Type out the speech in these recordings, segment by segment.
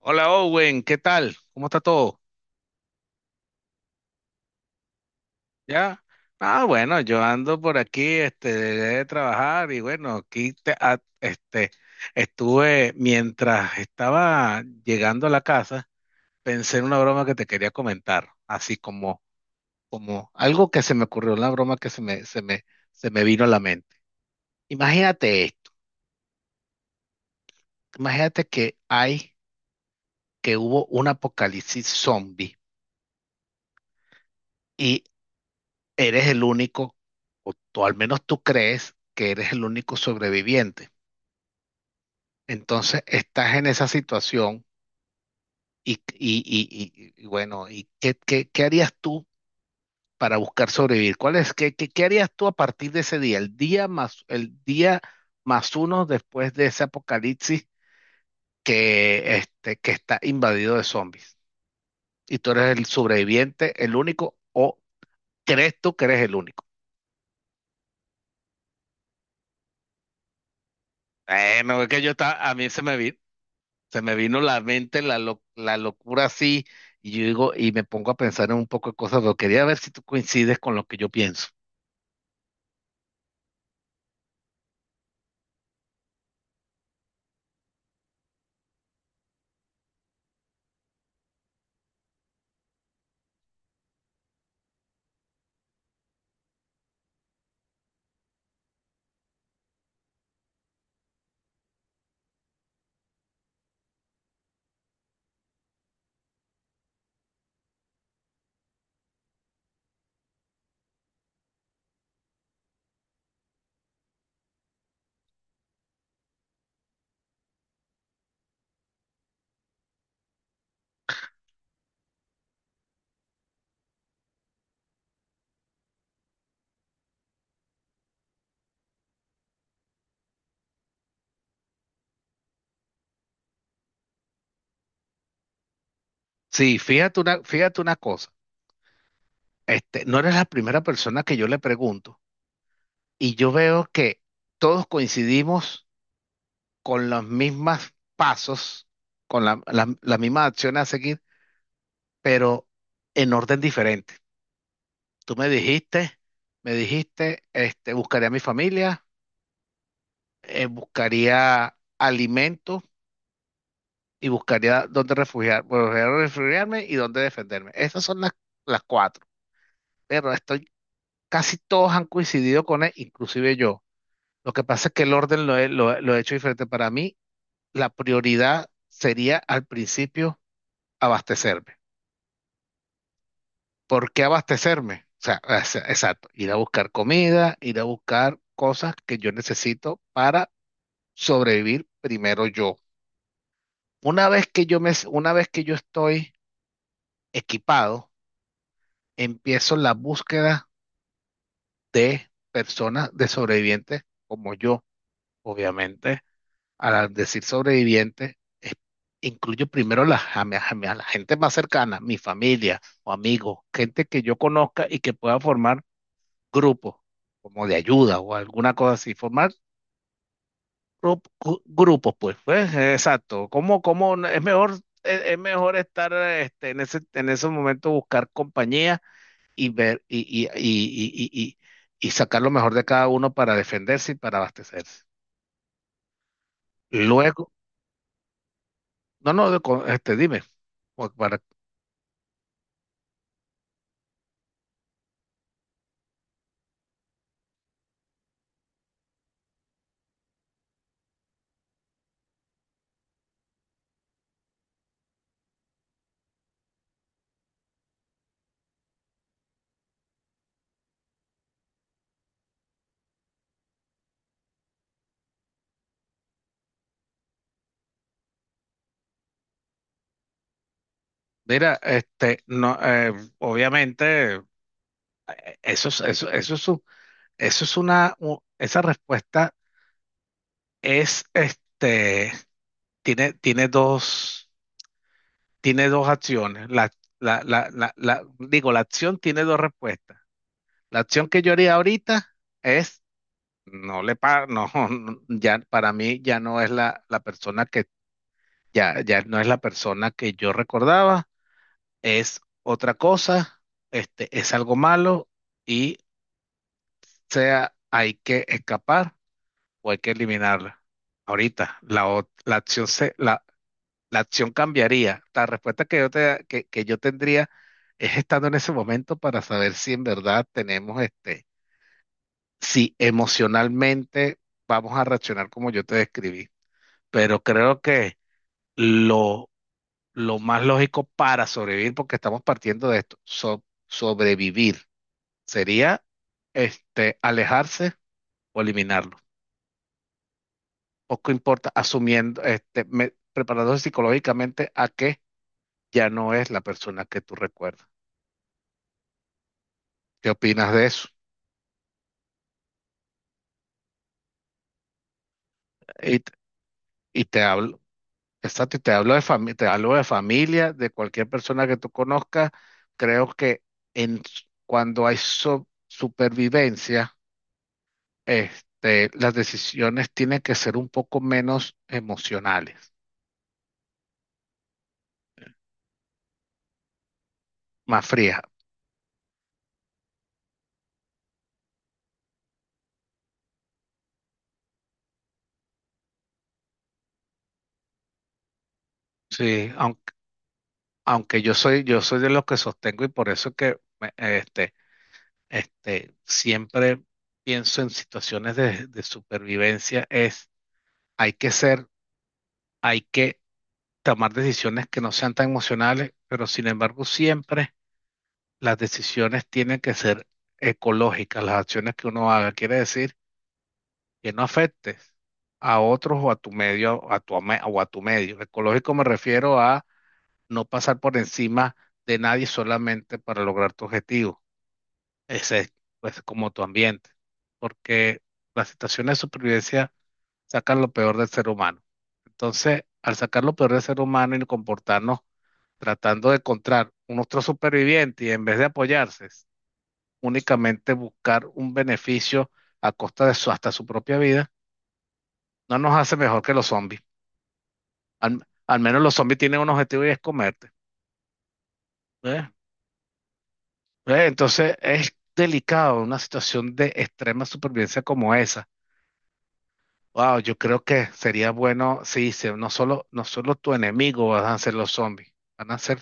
Hola Owen, ¿qué tal? ¿Cómo está todo? ¿Ya? Bueno, yo ando por aquí, de trabajar y aquí te- a- este, estuve mientras estaba llegando a la casa, pensé en una broma que te quería comentar, así como, como algo que se me ocurrió, una broma que se me vino a la mente. Imagínate esto, imagínate que hubo un apocalipsis zombie, eres el único, o al menos tú crees que eres el único sobreviviente. Entonces estás en esa situación y ¿y qué harías tú para buscar sobrevivir? ¿Cuál es, qué harías tú a partir de ese día? El día más uno después de ese apocalipsis que, que está invadido de zombies. Y tú eres el sobreviviente, el único, o crees tú que eres el único. Me voy, que yo estaba, a mí se me vi se me vino la mente la locura así, y yo digo, y me pongo a pensar en un poco de cosas, pero quería ver si tú coincides con lo que yo pienso. Sí, fíjate una cosa, no eres la primera persona que yo le pregunto, y yo veo que todos coincidimos con los mismos pasos, con la misma acción a seguir, pero en orden diferente. Tú me dijiste, Me dijiste, buscaría a mi familia, buscaría alimentos y buscaría dónde refugiar, refugiarme y dónde defenderme. Esas son las cuatro, pero estoy, casi todos han coincidido con él, inclusive yo. Lo que pasa es que el orden lo he hecho diferente. Para mí, la prioridad sería al principio abastecerme. ¿Por qué abastecerme? O sea, exacto, ir a buscar comida, ir a buscar cosas que yo necesito para sobrevivir primero yo. Una vez que yo estoy equipado, empiezo la búsqueda de personas, de sobrevivientes como yo. Obviamente, al decir sobreviviente, incluyo primero a la, a mi- a mi- a la gente más cercana, mi familia o amigos, gente que yo conozca y que pueda formar grupos, como de ayuda o alguna cosa así, formar grupos, exacto. ¿Cómo, cómo no- es mejor, es mejor estar en ese, en esos momentos, buscar compañía y ver y y- sacar lo mejor de cada uno para defenderse y para abastecerse. Luego, no, no, de co- este, dime, o para- mira, no, obviamente, eso es, esa respuesta es, tiene, tiene dos, tiene dos acciones. Digo, la acción tiene dos respuestas. La acción que yo haría ahorita es. No le pa, no, no, ya para mí ya no es la persona que, ya no es la persona que yo recordaba, es otra cosa, es algo malo y, sea, hay que escapar o hay que eliminarla. Ahorita, la acción cambiaría. La respuesta que que yo tendría es estando en ese momento para saber si en verdad tenemos si emocionalmente vamos a reaccionar como yo te describí. Pero creo que lo, lo más lógico para sobrevivir, porque estamos partiendo de esto, sobrevivir, sería alejarse o eliminarlo. Poco importa, asumiendo, preparándose psicológicamente a que ya no es la persona que tú recuerdas. ¿Qué opinas de eso? Y, t- y te hablo, exacto, y te hablo de familia, te hablo de familia, de cualquier persona que tú conozcas. Creo que cuando hay supervivencia, las decisiones tienen que ser un poco menos emocionales, más frías. Sí, aunque yo soy de los que sostengo y por eso es que siempre pienso en situaciones de supervivencia, es hay que ser, hay que tomar decisiones que no sean tan emocionales, pero sin embargo siempre las decisiones tienen que ser ecológicas, las acciones que uno haga. Quiere decir que no afectes a otros o a tu medio, o a tu medio. Ecológico me refiero a no pasar por encima de nadie solamente para lograr tu objetivo. Ese es, pues, como tu ambiente, porque las situaciones de supervivencia sacan lo peor del ser humano. Entonces, al sacar lo peor del ser humano y comportarnos tratando de encontrar un otro superviviente y en vez de apoyarse, únicamente buscar un beneficio a costa de su, hasta su propia vida, no nos hace mejor que los zombies. Al, al menos los zombies tienen un objetivo y es comerte. ¿Ves? ¿Ves? Entonces es delicado una situación de extrema supervivencia como esa. Wow, yo creo que sería bueno, sí, sí. No solo, no solo tu enemigo van a ser los zombies, van a ser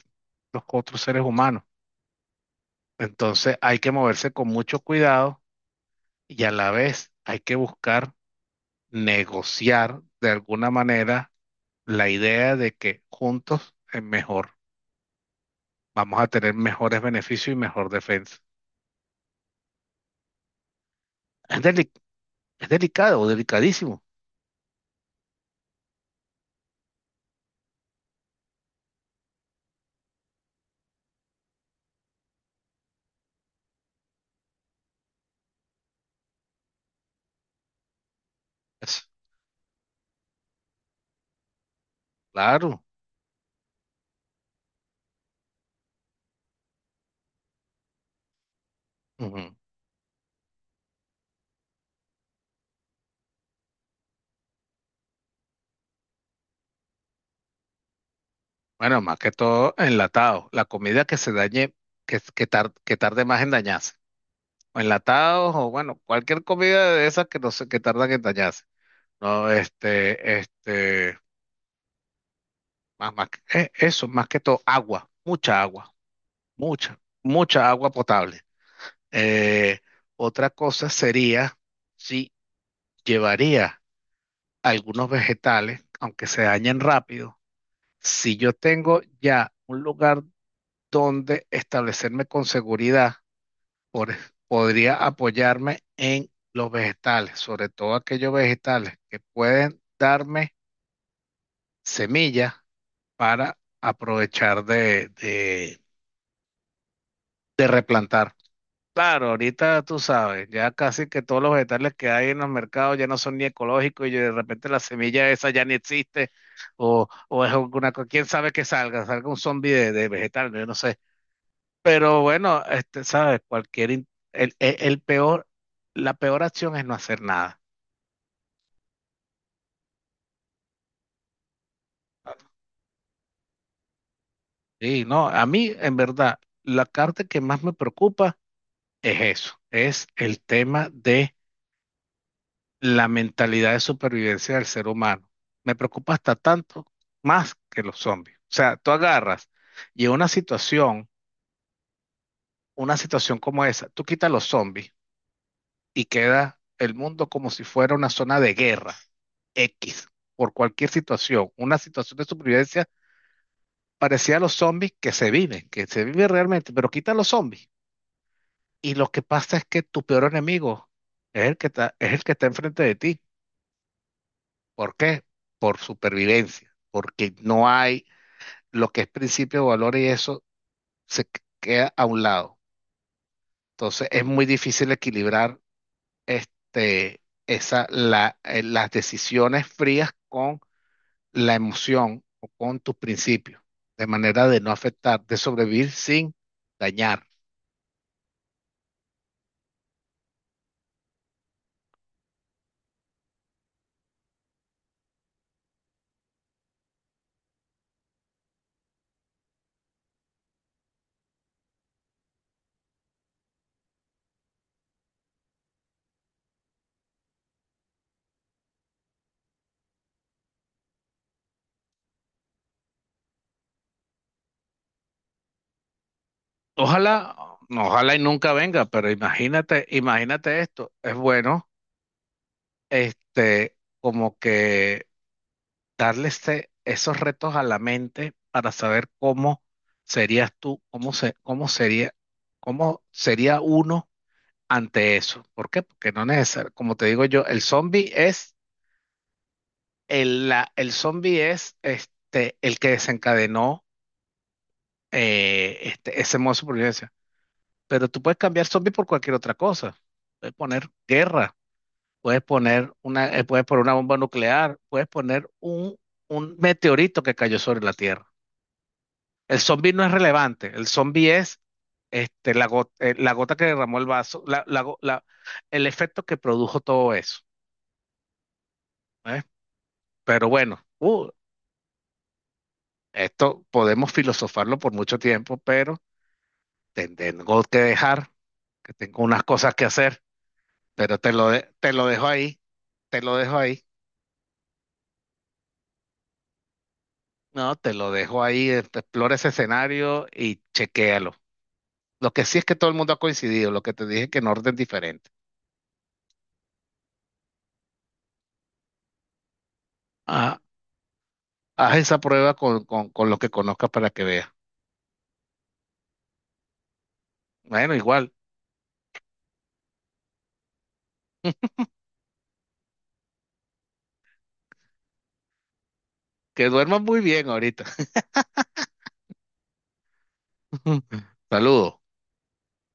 los otros seres humanos. Entonces hay que moverse con mucho cuidado y a la vez hay que buscar negociar de alguna manera la idea de que juntos es mejor, vamos a tener mejores beneficios y mejor defensa. Es delicado. Es delicado, delicadísimo. Es, claro. Ujú. Bueno, más que todo enlatado. La comida que se dañe, que tarde más en dañarse. O enlatados, o bueno, cualquier comida de esas que no sé, que tardan en dañarse. No, eso, más que todo, agua, mucha agua, mucha agua potable. Eh, Otra cosa sería si llevaría algunos vegetales, aunque se dañen rápido. Si yo tengo ya un lugar donde establecerme con seguridad, por- podría apoyarme en los vegetales, sobre todo aquellos vegetales que pueden darme semillas para aprovechar de replantar. Claro, ahorita tú sabes, ya casi que todos los vegetales que hay en los mercados ya no son ni ecológicos y de repente la semilla esa ya ni existe o es alguna cosa, quién sabe que salga, salga un zombie de vegetal, yo no sé. Pero bueno, sabes, el peor, la peor acción es no hacer nada. Sí, no, a mí, en verdad, la carta que más me preocupa es eso, es el tema de la mentalidad de supervivencia del ser humano. Me preocupa hasta tanto más que los zombies. O sea, tú agarras y en una situación como esa, tú quitas los zombies y queda el mundo como si fuera una zona de guerra X, por cualquier situación, una situación de supervivencia parecida a los zombies que se viven, que se vive realmente, pero quita los zombies. Y lo que pasa es que tu peor enemigo es el que está enfrente de ti. ¿Por qué? Por supervivencia, porque no hay lo que es principio de valor y eso se queda a un lado. Entonces es muy difícil equilibrar este, las decisiones frías con la emoción o con tus principios, de manera de no afectar, de sobrevivir sin dañar. Ojalá, ojalá y nunca venga, pero imagínate, imagínate esto, es bueno, como que darle esos retos a la mente para saber cómo serías tú, cómo sería uno ante eso. ¿Por qué? Porque no es necesario, como te digo yo, el zombie es. El zombie es, el que desencadenó ese modo de supervivencia. Pero tú puedes cambiar zombie por cualquier otra cosa. Puedes poner guerra, puedes poner una bomba nuclear, puedes poner un meteorito que cayó sobre la Tierra. El zombie no es relevante. El zombie es, la gota que derramó el vaso, el efecto que produjo todo eso. ¿Eh? Pero bueno, esto podemos filosofarlo por mucho tiempo, pero... tengo que dejar, que tengo unas cosas que hacer, pero te lo dejo ahí, te lo dejo ahí. No, te lo dejo ahí, explora ese escenario y chequéalo. Lo que sí es que todo el mundo ha coincidido, lo que te dije que en orden diferente. Ah, haz esa prueba con lo que conozcas para que veas. Bueno, igual, que duermas muy bien ahorita. Saludos.